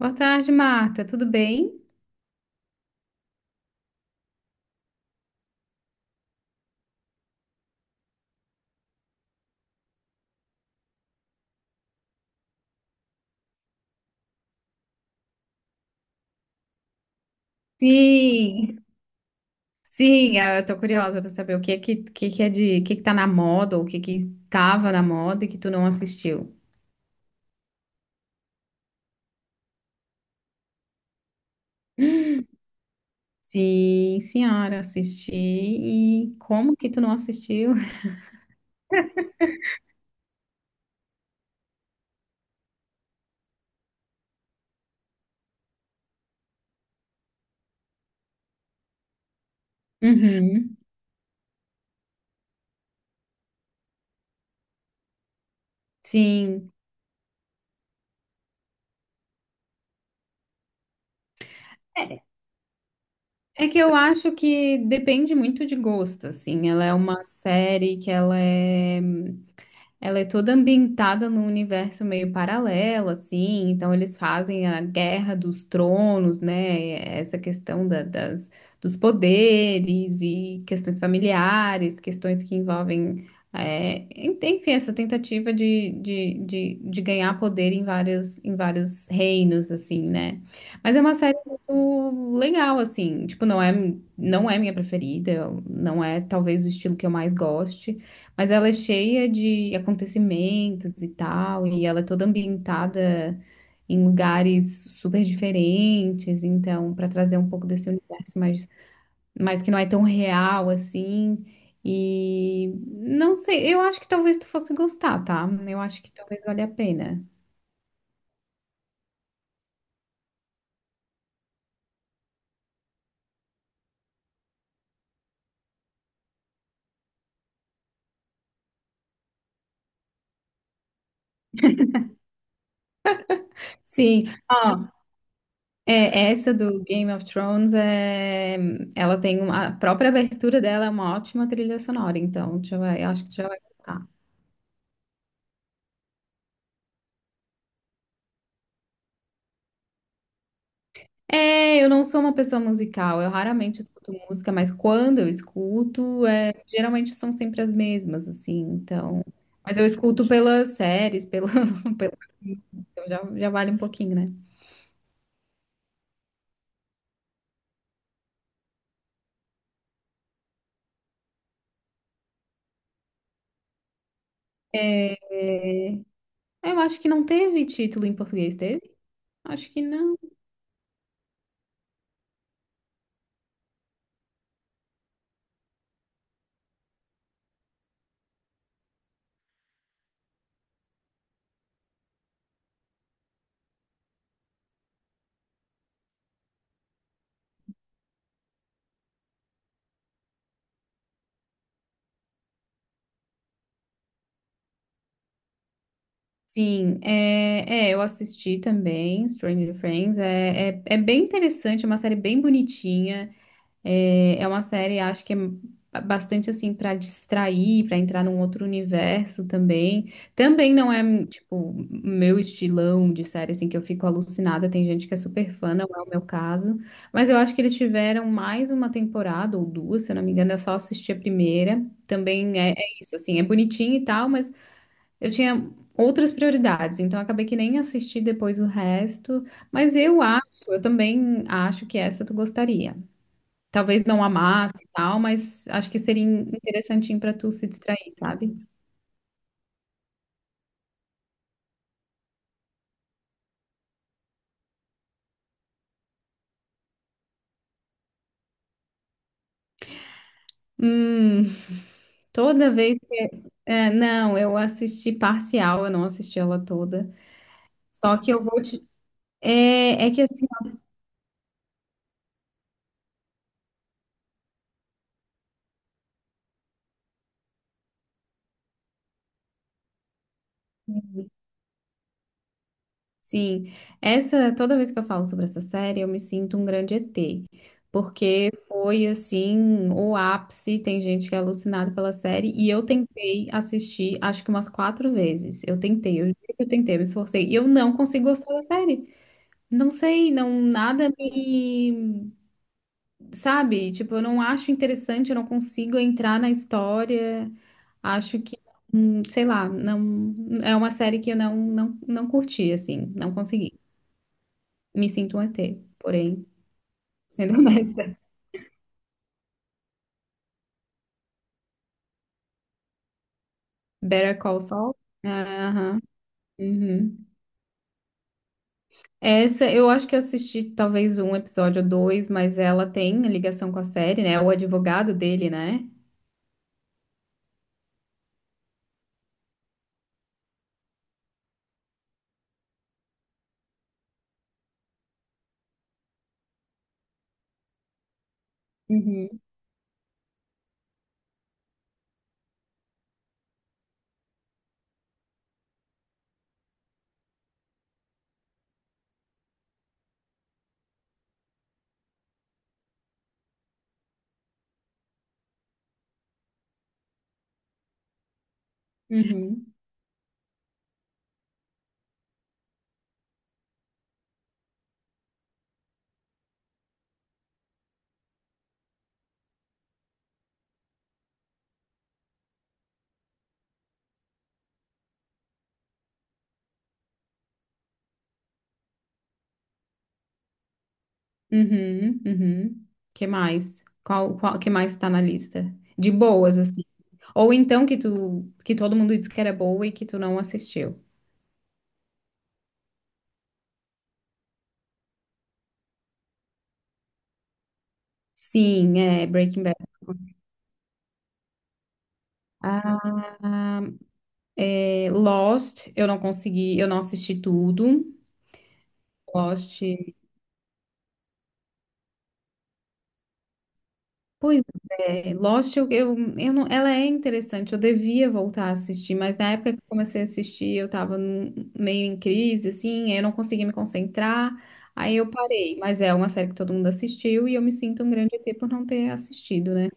Boa tarde, Marta. Tudo bem? Sim, sim. eu tô curiosa para saber o que que tá na moda ou o que que tava na moda e que tu não assistiu. Sim, senhora, assisti. E como que tu não assistiu? Uhum, sim. É, é que eu acho que depende muito de gosto, assim. Ela é uma série que ela é Ela é toda ambientada num universo meio paralelo, assim. Então, eles fazem a Guerra dos Tronos, né? Essa questão das dos poderes e questões familiares, questões que envolvem. Enfim, essa tentativa de ganhar poder em vários reinos, assim, né? Mas é uma série muito legal, assim. Não é minha preferida, não é talvez o estilo que eu mais goste. Mas ela é cheia de acontecimentos e tal, e ela é toda ambientada em lugares super diferentes, então, para trazer um pouco desse universo mais, mais que não é tão real assim. E não sei, eu acho que talvez tu fosse gostar, tá? Eu acho que talvez valha a pena. Sim. é, essa do Game of Thrones é, ela tem a própria abertura dela é uma ótima trilha sonora, então eu acho que tu já vai gostar. É, eu não sou uma pessoa musical, eu raramente escuto música, mas quando eu escuto, é, geralmente são sempre as mesmas, assim, então. Mas eu escuto pelas séries, pela, pela- então já, já vale um pouquinho, né? É, eu acho que não teve título em português, teve? Acho que não. Sim, eu assisti também, Stranger Things, é bem interessante, é uma série bem bonitinha. É, é uma série, acho que é bastante assim pra distrair, pra entrar num outro universo também. Também não é tipo meu estilão de série assim que eu fico alucinada. Tem gente que é super fã, não é o meu caso. Mas eu acho que eles tiveram mais uma temporada ou duas, se eu não me engano. Eu só assisti a primeira. Também é, é isso assim, é bonitinho e tal, mas eu tinha outras prioridades, então eu acabei que nem assisti depois o resto. Mas eu acho, eu também acho que essa tu gostaria. Talvez não amasse e tal, mas acho que seria interessantinho pra tu se distrair, sabe? Hum, toda vez. Não, eu assisti parcial, eu não assisti ela toda. Só que eu vou te. É, é que assim, sim, essa, toda vez que eu falo sobre essa série, eu me sinto um grande ET. Porque foi assim, o ápice, tem gente que é alucinada pela série, e eu tentei assistir, acho que umas quatro vezes. Eu tentei, eu juro que eu tentei, eu me esforcei, e eu não consigo gostar da série. Não sei, não, nada me, sabe? Tipo, eu não acho interessante, eu não consigo entrar na história. Acho que, sei lá, não, é uma série que eu não curti, assim, não consegui. Me sinto um ET, porém, sendo honesta. Better Call Saul? Aham. Uhum. Essa, eu acho que eu assisti talvez um episódio ou dois, mas ela tem ligação com a série, né? O advogado dele, né? Uhum. Uhum. Uhum, uhum. Que mais? Que mais tá na lista? De boas, assim. Ou então que tu, que todo mundo disse que era boa e que tu não assistiu. Sim, é Breaking Bad. Ah, é, Lost, eu não consegui, eu não assisti tudo. Lost. Pois é, Lost, eu não, ela é interessante, eu devia voltar a assistir, mas na época que eu comecei a assistir, eu tava meio em crise, assim, aí eu não conseguia me concentrar, aí eu parei, mas é uma série que todo mundo assistiu e eu me sinto um grande ET por não ter assistido, né?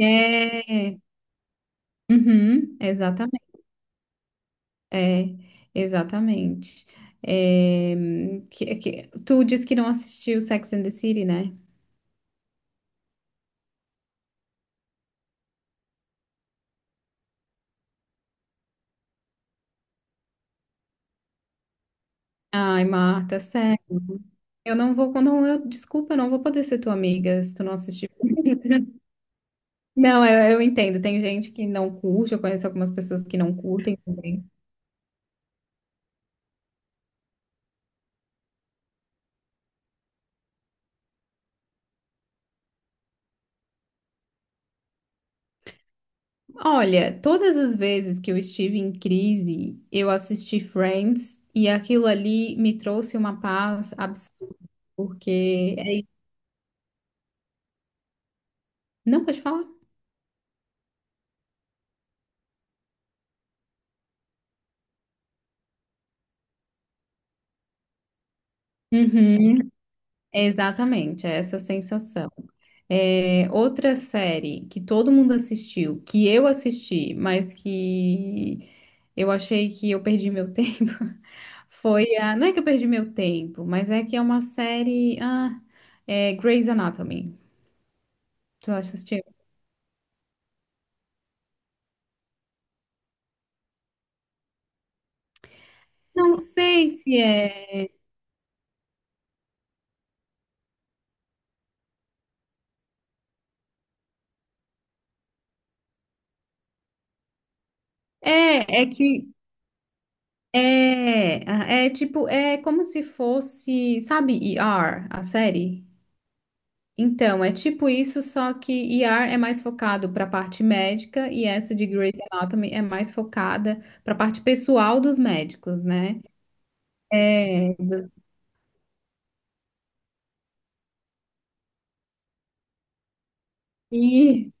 É, uhum, é, exatamente. É, tu disse que não assistiu Sex and the City, né? Ai, Marta, sério. Eu não vou, quando eu, desculpa, eu não vou poder ser tua amiga se tu não assistir. Não, eu entendo. Tem gente que não curte, eu conheço algumas pessoas que não curtem também. Olha, todas as vezes que eu estive em crise, eu assisti Friends e aquilo ali me trouxe uma paz absurda, porque é... isso. Não, pode falar? Uhum. É, exatamente, é essa sensação. É, outra série que todo mundo assistiu, que eu assisti, mas que eu achei que eu perdi meu tempo, foi a. Não é que eu perdi meu tempo, mas é que é uma série. Ah, é Grey's Anatomy. Tu acha que assistiu? Não sei se é. É, é que. É, é tipo, é como se fosse, sabe, ER, a série? Então, é tipo isso, só que ER é mais focado para a parte médica e essa de Grey's Anatomy é mais focada para a parte pessoal dos médicos, né? É, do- isso,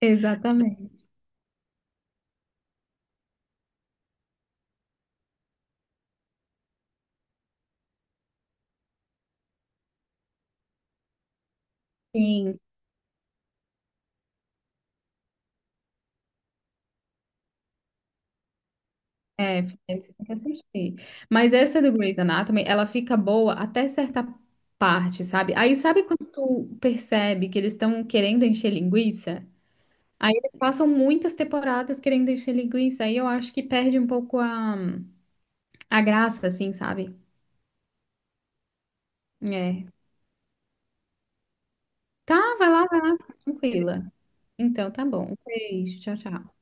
exatamente. Sim, é, você tem que assistir. Mas essa do Grey's Anatomy, ela fica boa até certa parte, sabe? Aí sabe quando tu percebe que eles estão querendo encher linguiça? Aí eles passam muitas temporadas querendo encher linguiça, aí eu acho que perde um pouco a graça, assim, sabe? É. Tá, vai lá, fica tranquila. Então, tá bom. Um beijo, tchau, tchau.